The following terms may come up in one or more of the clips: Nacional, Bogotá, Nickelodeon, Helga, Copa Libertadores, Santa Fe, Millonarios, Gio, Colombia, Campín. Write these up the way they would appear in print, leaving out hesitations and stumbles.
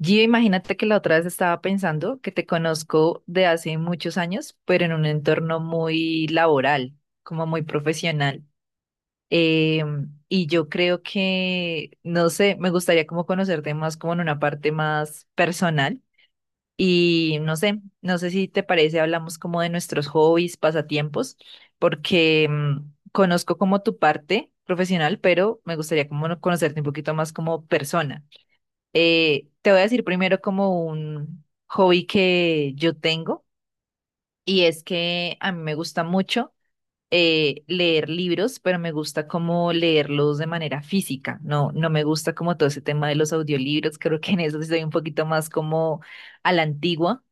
Gio, imagínate que la otra vez estaba pensando que te conozco de hace muchos años, pero en un entorno muy laboral, como muy profesional. Y yo creo que, no sé, me gustaría como conocerte más como en una parte más personal. Y no sé, no sé si te parece, hablamos como de nuestros hobbies, pasatiempos, porque conozco como tu parte profesional, pero me gustaría como conocerte un poquito más como persona. Te voy a decir primero como un hobby que yo tengo y es que a mí me gusta mucho leer libros, pero me gusta como leerlos de manera física. No, no me gusta como todo ese tema de los audiolibros. Creo que en eso sí soy un poquito más como a la antigua.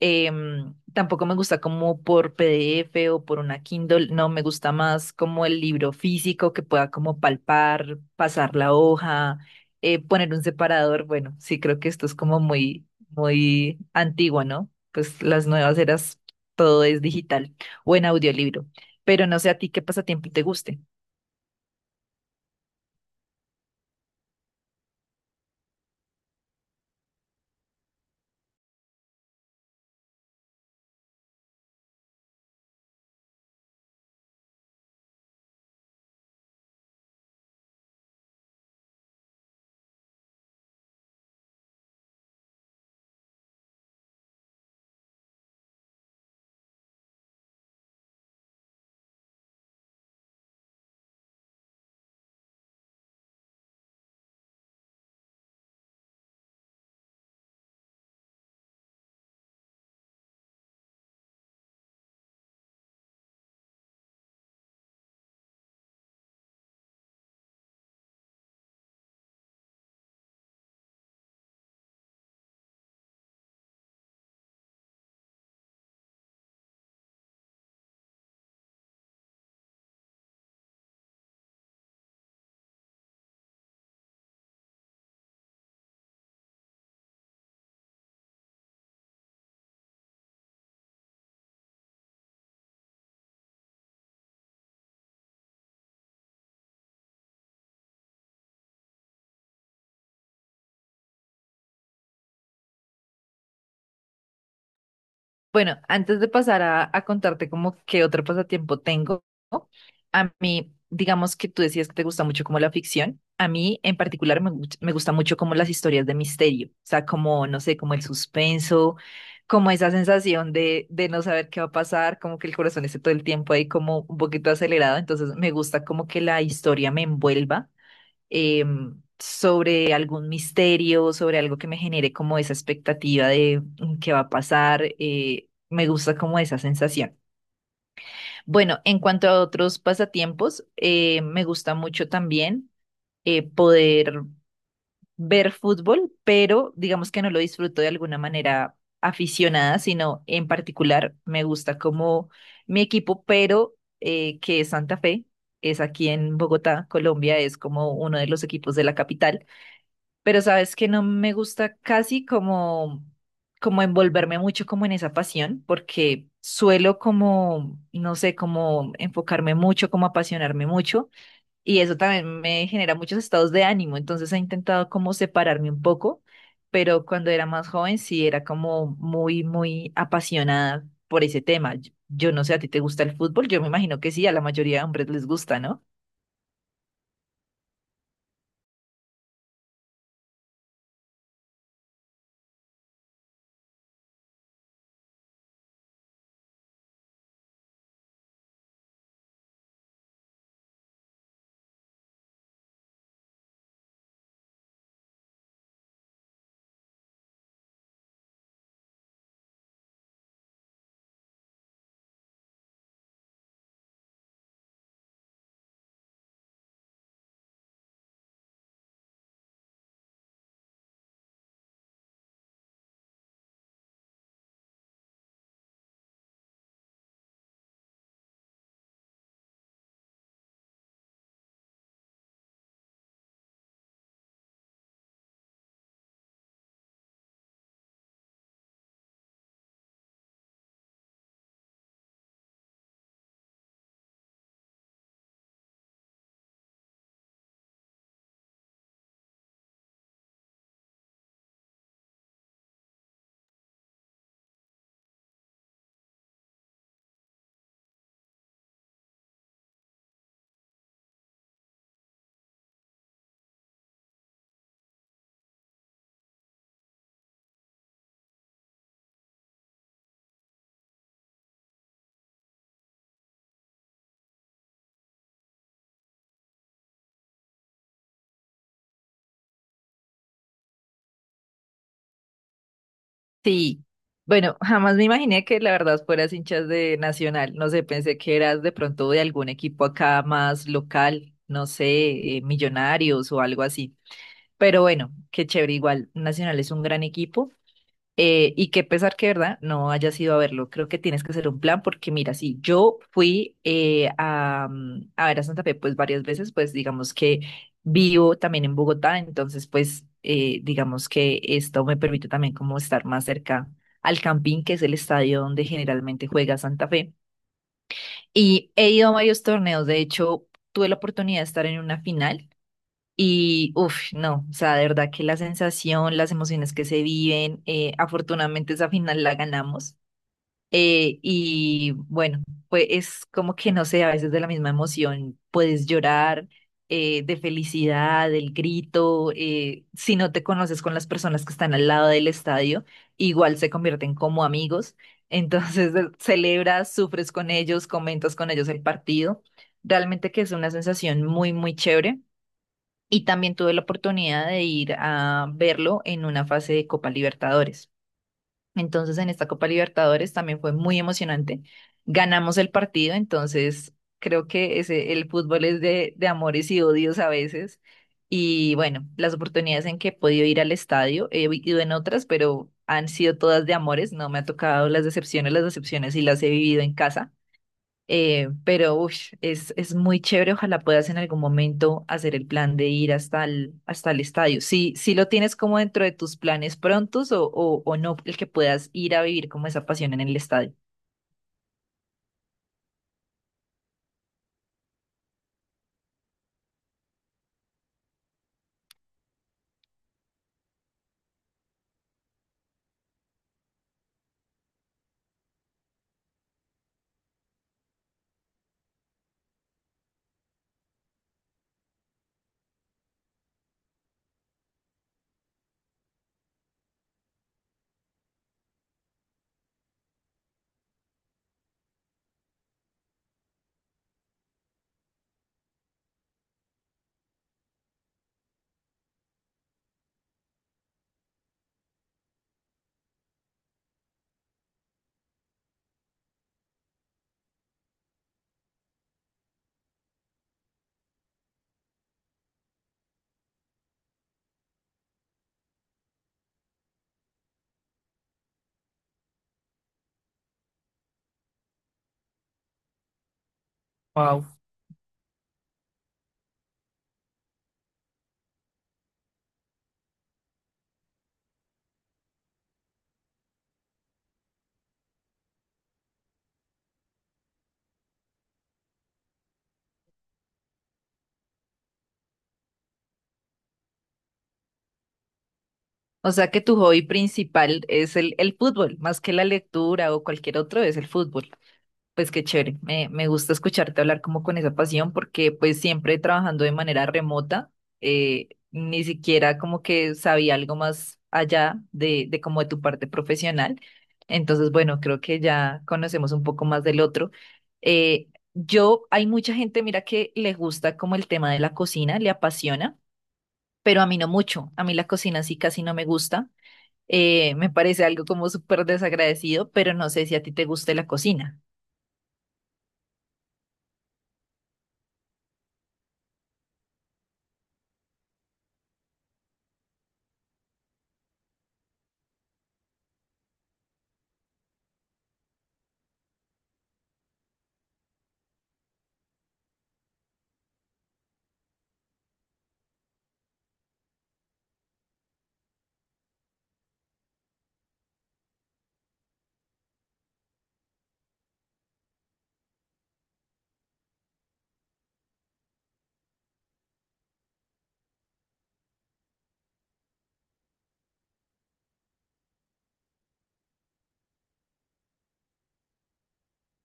Tampoco me gusta como por PDF o por una Kindle. No, me gusta más como el libro físico que pueda como palpar, pasar la hoja, poner un separador. Bueno, sí, creo que esto es como muy, muy antigua, ¿no? Pues las nuevas eras, todo es digital o en audiolibro, pero no sé a ti qué pasatiempo te guste. Bueno, antes de pasar a contarte como qué otro pasatiempo tengo, a mí, digamos que tú decías que te gusta mucho como la ficción. A mí en particular me, me gusta mucho como las historias de misterio, o sea, como, no sé, como el suspenso, como esa sensación de no saber qué va a pasar, como que el corazón esté todo el tiempo ahí como un poquito acelerado, entonces me gusta como que la historia me envuelva eh, sobre algún misterio, sobre algo que me genere como esa expectativa de qué va a pasar. Me gusta como esa sensación. Bueno, en cuanto a otros pasatiempos, me gusta mucho también poder ver fútbol, pero digamos que no lo disfruto de alguna manera aficionada, sino en particular me gusta como mi equipo, pero que es Santa Fe. Es aquí en Bogotá, Colombia, es como uno de los equipos de la capital, pero sabes que no me gusta casi como, como envolverme mucho como en esa pasión, porque suelo como, no sé, como enfocarme mucho, como apasionarme mucho, y eso también me genera muchos estados de ánimo, entonces he intentado como separarme un poco, pero cuando era más joven sí era como muy, muy apasionada por ese tema. Yo no sé, ¿a ti te gusta el fútbol? Yo me imagino que sí, a la mayoría de hombres les gusta, ¿no? Sí, bueno, jamás me imaginé que la verdad fueras hinchas de Nacional. No sé, pensé que eras de pronto de algún equipo acá más local, no sé, Millonarios o algo así. Pero bueno, qué chévere, igual Nacional es un gran equipo y qué pesar que, ¿verdad? No hayas ido a verlo. Creo que tienes que hacer un plan porque mira, si yo fui a, a ver a Santa Fe pues varias veces, pues digamos que vivo también en Bogotá, entonces pues digamos que esto me permite también como estar más cerca al Campín, que es el estadio donde generalmente juega Santa Fe. Y he ido a varios torneos, de hecho, tuve la oportunidad de estar en una final y, uff, no, o sea, de verdad que la sensación, las emociones que se viven, afortunadamente esa final la ganamos. Y bueno, pues es como que no sé, a veces de la misma emoción puedes llorar de felicidad, el grito, si no te conoces con las personas que están al lado del estadio, igual se convierten como amigos. Entonces celebras, sufres con ellos, comentas con ellos el partido. Realmente que es una sensación muy, muy chévere y también tuve la oportunidad de ir a verlo en una fase de Copa Libertadores. Entonces, en esta Copa Libertadores también fue muy emocionante. Ganamos el partido, entonces creo que ese, el fútbol es de amores y odios a veces. Y bueno, las oportunidades en que he podido ir al estadio, he ido en otras, pero han sido todas de amores, no me ha tocado las decepciones y las he vivido en casa. Pero uy, es muy chévere. Ojalá puedas en algún momento hacer el plan de ir hasta el estadio. Si, si lo tienes como dentro de tus planes prontos o no, el que puedas ir a vivir como esa pasión en el estadio. Wow. O sea que tu hobby principal es el fútbol, más que la lectura o cualquier otro, es el fútbol. Pues qué chévere, me gusta escucharte hablar como con esa pasión porque pues siempre trabajando de manera remota, ni siquiera como que sabía algo más allá de como de tu parte profesional. Entonces, bueno, creo que ya conocemos un poco más del otro. Yo, hay mucha gente, mira, que le gusta como el tema de la cocina, le apasiona, pero a mí no mucho. A mí la cocina sí casi no me gusta. Me parece algo como súper desagradecido, pero no sé si a ti te guste la cocina.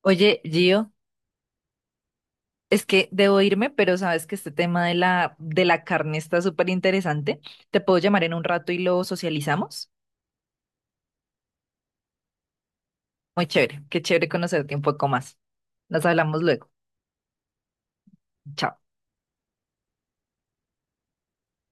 Oye, Gio, es que debo irme, pero sabes que este tema de la carne está súper interesante. Te puedo llamar en un rato y lo socializamos. Muy chévere, qué chévere conocerte un poco más. Nos hablamos luego. Chao.